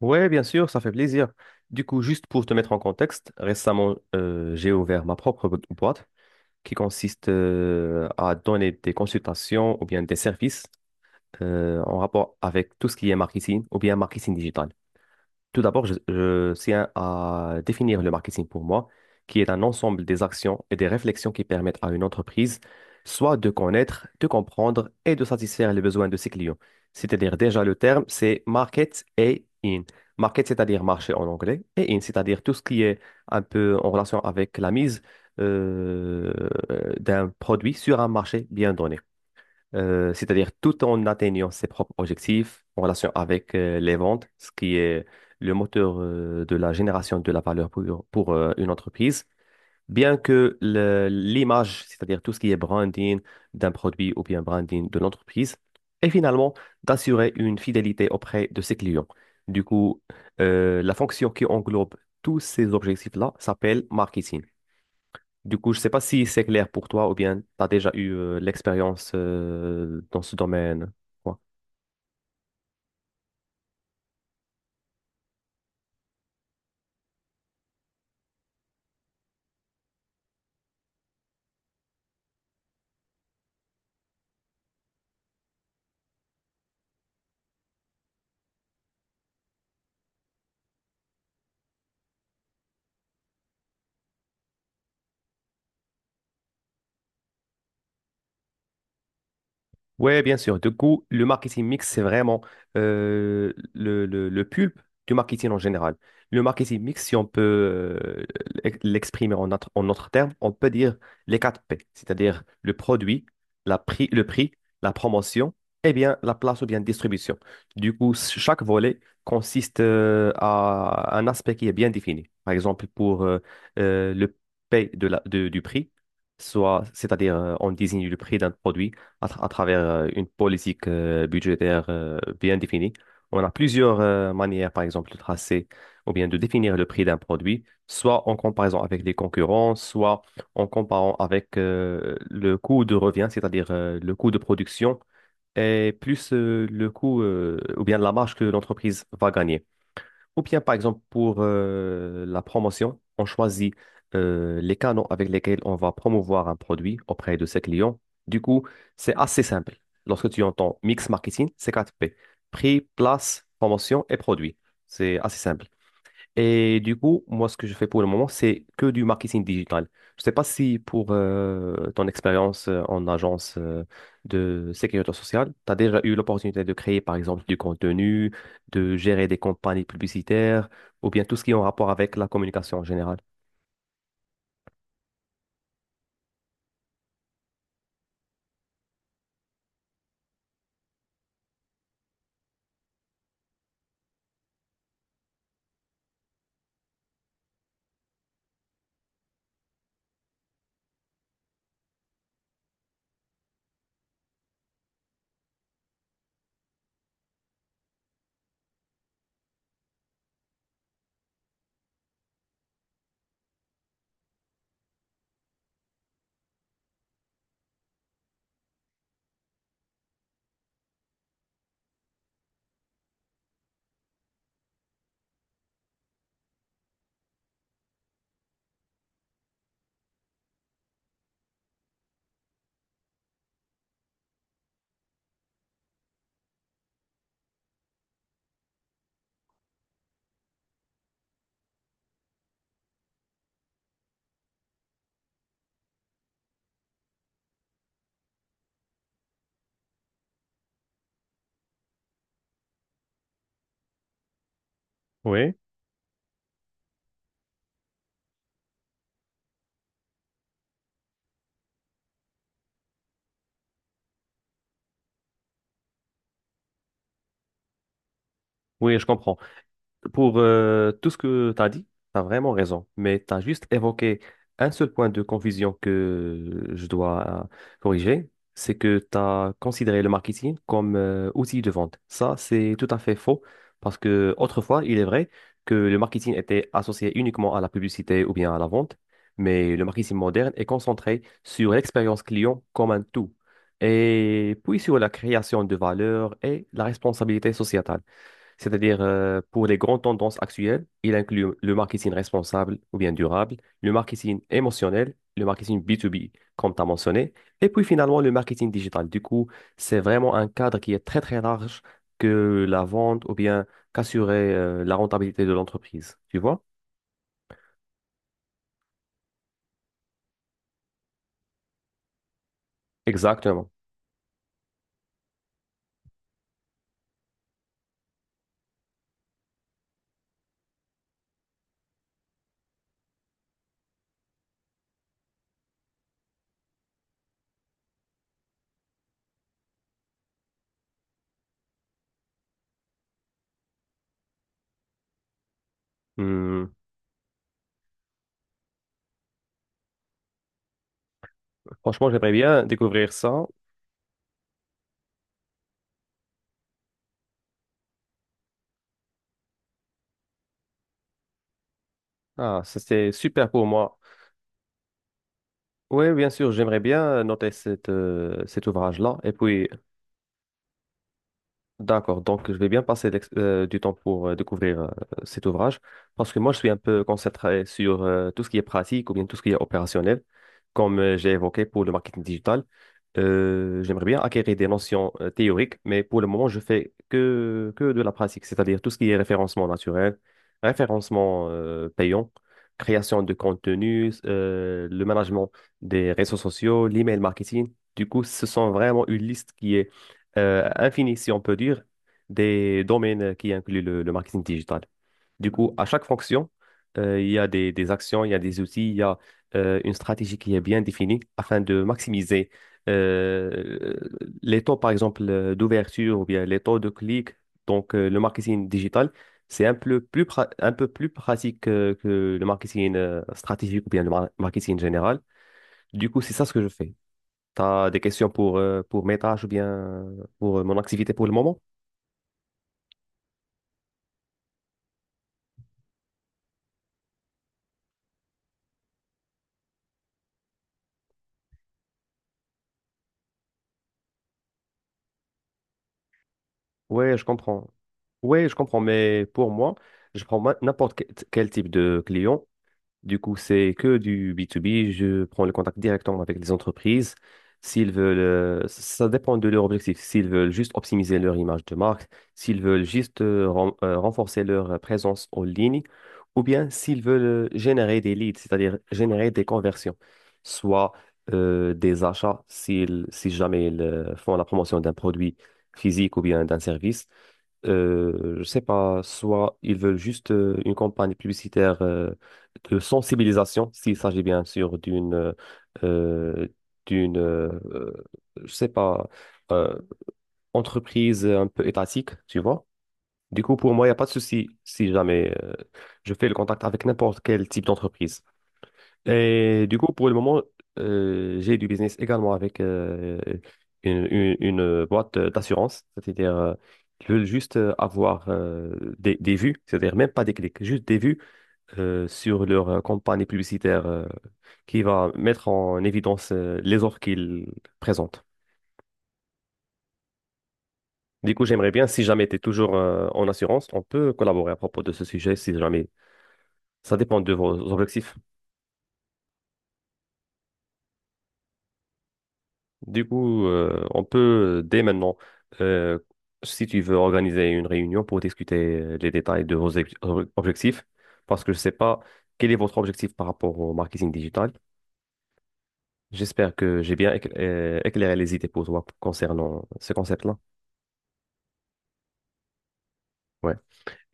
Ouais, bien sûr, ça fait plaisir. Du coup, juste pour te mettre en contexte, récemment, j'ai ouvert ma propre boîte qui consiste à donner des consultations ou bien des services en rapport avec tout ce qui est marketing ou bien marketing digital. Tout d'abord, je tiens à définir le marketing pour moi, qui est un ensemble des actions et des réflexions qui permettent à une entreprise soit de connaître, de comprendre et de satisfaire les besoins de ses clients. C'est-à-dire déjà le terme, c'est market et in. Market, c'est-à-dire marché en anglais, et in, c'est-à-dire tout ce qui est un peu en relation avec la mise euh, d'un produit sur un marché bien donné, c'est-à-dire tout en atteignant ses propres objectifs en relation avec les ventes, ce qui est le moteur de la génération de la valeur pour une entreprise. Bien que l'image, c'est-à-dire tout ce qui est branding d'un produit ou bien branding de l'entreprise, et finalement d'assurer une fidélité auprès de ses clients. Du coup, la fonction qui englobe tous ces objectifs-là s'appelle marketing. Du coup, je sais pas si c'est clair pour toi ou bien tu as déjà eu l'expérience dans ce domaine. Ouais. Ouais, bien sûr. Du coup, le marketing mix, c'est vraiment le pulpe du marketing en général. Le marketing mix, si on peut euh, l'exprimer en notre terme, on peut dire les 4 P, c'est-à-dire le produit, le prix, la promotion, et bien la place ou bien distribution. Du coup, chaque volet consiste à un aspect qui est bien défini. Par exemple, pour le P de du prix, soit, c'est-à-dire on désigne le prix d'un produit à travers une politique budgétaire bien définie. On a plusieurs manières, par exemple, de tracer ou bien de définir le prix d'un produit, soit en comparaison avec les concurrents, soit en comparant avec le coût de revient, c'est-à-dire le coût de production, et plus le coût ou bien la marge que l'entreprise va gagner. Ou bien, par exemple, pour la promotion, on choisit les canaux avec lesquels on va promouvoir un produit auprès de ses clients. Du coup, c'est assez simple. Lorsque tu entends mix marketing, c'est quatre p, prix, place, promotion et produit. C'est assez simple. Et du coup, moi, ce que je fais pour le moment, c'est que du marketing digital. Je ne sais pas si pour ton expérience en agence de sécurité sociale, tu as déjà eu l'opportunité de créer, par exemple, du contenu, de gérer des campagnes publicitaires, ou bien tout ce qui est en rapport avec la communication en général. Oui. Oui, je comprends. Pour tout ce que tu as dit, tu as vraiment raison, mais tu as juste évoqué un seul point de confusion que je dois corriger, c'est que tu as considéré le marketing comme outil de vente. Ça, c'est tout à fait faux, parce que autrefois, il est vrai que le marketing était associé uniquement à la publicité ou bien à la vente, mais le marketing moderne est concentré sur l'expérience client comme un tout, et puis sur la création de valeur et la responsabilité sociétale. C'est-à-dire, pour les grandes tendances actuelles, il inclut le marketing responsable ou bien durable, le marketing émotionnel, le marketing B2B, comme tu as mentionné, et puis finalement le marketing digital. Du coup, c'est vraiment un cadre qui est très très large que la vente ou bien qu'assurer la rentabilité de l'entreprise. Tu vois? Exactement. Hmm. Franchement, j'aimerais bien découvrir ça. Ah, ça c'est super pour moi. Oui, bien sûr, j'aimerais bien noter cet ouvrage-là. Et puis, d'accord, donc je vais bien passer du temps pour découvrir cet ouvrage, parce que moi je suis un peu concentré sur tout ce qui est pratique ou bien tout ce qui est opérationnel, comme j'ai évoqué pour le marketing digital. J'aimerais bien acquérir des notions théoriques, mais pour le moment je fais que de la pratique, c'est-à-dire tout ce qui est référencement naturel, référencement payant, création de contenu, le management des réseaux sociaux, l'email marketing. Du coup, ce sont vraiment une liste infini, si on peut dire, des domaines qui incluent le marketing digital. Du coup, à chaque fonction, il y a des actions, il y a des outils, il y a une stratégie qui est bien définie afin de maximiser euh, les taux, par exemple, d'ouverture ou bien les taux de clic. Donc, le marketing digital, c'est un peu plus, un peu plus pratique que le marketing stratégique ou bien le marketing général. Du coup, c'est ça ce que je fais. Tu as des questions pour mes tâches ou bien pour mon activité pour le moment? Ouais, je comprends. Ouais, je comprends, mais pour moi, je prends quel type de client. Du coup, c'est que du B2B. Je prends le contact directement avec les entreprises. S'ils veulent, ça dépend de leur objectif. S'ils veulent juste optimiser leur image de marque, s'ils veulent juste renforcer leur présence en ligne, ou bien s'ils veulent générer des leads, c'est-à-dire générer des conversions, soit des achats, si jamais ils font la promotion d'un produit physique ou bien d'un service. Je sais pas, soit ils veulent juste une campagne publicitaire de sensibilisation, s'il s'agit bien sûr euh, d'une je sais pas euh, entreprise un peu étatique, tu vois. Du coup, pour moi, il n'y a pas de souci si jamais je fais le contact avec n'importe quel type d'entreprise. Et du coup, pour le moment, j'ai du business également avec une boîte d'assurance, c'est-à-dire ils veulent juste avoir des vues, c'est-à-dire même pas des clics, juste des vues sur leur campagne publicitaire qui va mettre en évidence les offres qu'ils présentent. Du coup, j'aimerais bien, si jamais tu es toujours en assurance, on peut collaborer à propos de ce sujet, si jamais. Ça dépend de vos objectifs. Du coup, on peut dès maintenant, euh, si tu veux organiser une réunion pour discuter les détails de vos objectifs, parce que je ne sais pas quel est votre objectif par rapport au marketing digital. J'espère que j'ai bien éclairé les idées pour toi concernant ce concept-là. Ouais.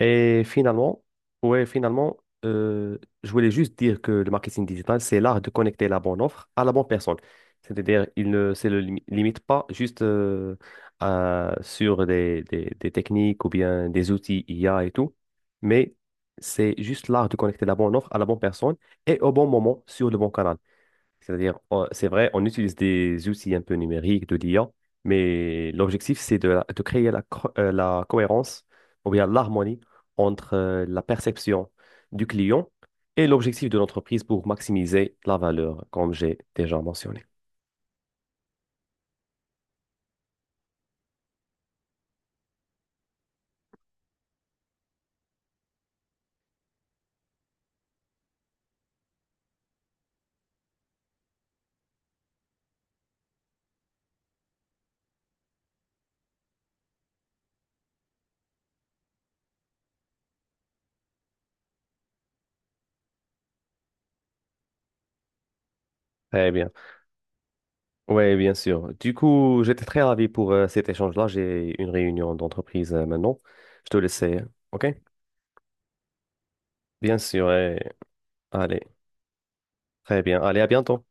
Et finalement, ouais, finalement, je voulais juste dire que le marketing digital, c'est l'art de connecter la bonne offre à la bonne personne. C'est-à-dire, il ne se le limite pas juste sur des, des techniques ou bien des outils IA et tout, mais c'est juste l'art de connecter la bonne offre à la bonne personne et au bon moment sur le bon canal. C'est-à-dire, c'est vrai, on utilise des outils un peu numériques de l'IA, mais l'objectif, c'est de créer la cohérence ou bien l'harmonie entre la perception du client et l'objectif de l'entreprise pour maximiser la valeur, comme j'ai déjà mentionné. Très bien. Oui, bien sûr. Du coup, j'étais très ravi pour cet échange-là. J'ai une réunion d'entreprise maintenant. Je te laisse, OK? Bien sûr. Allez. Très bien. Allez, à bientôt.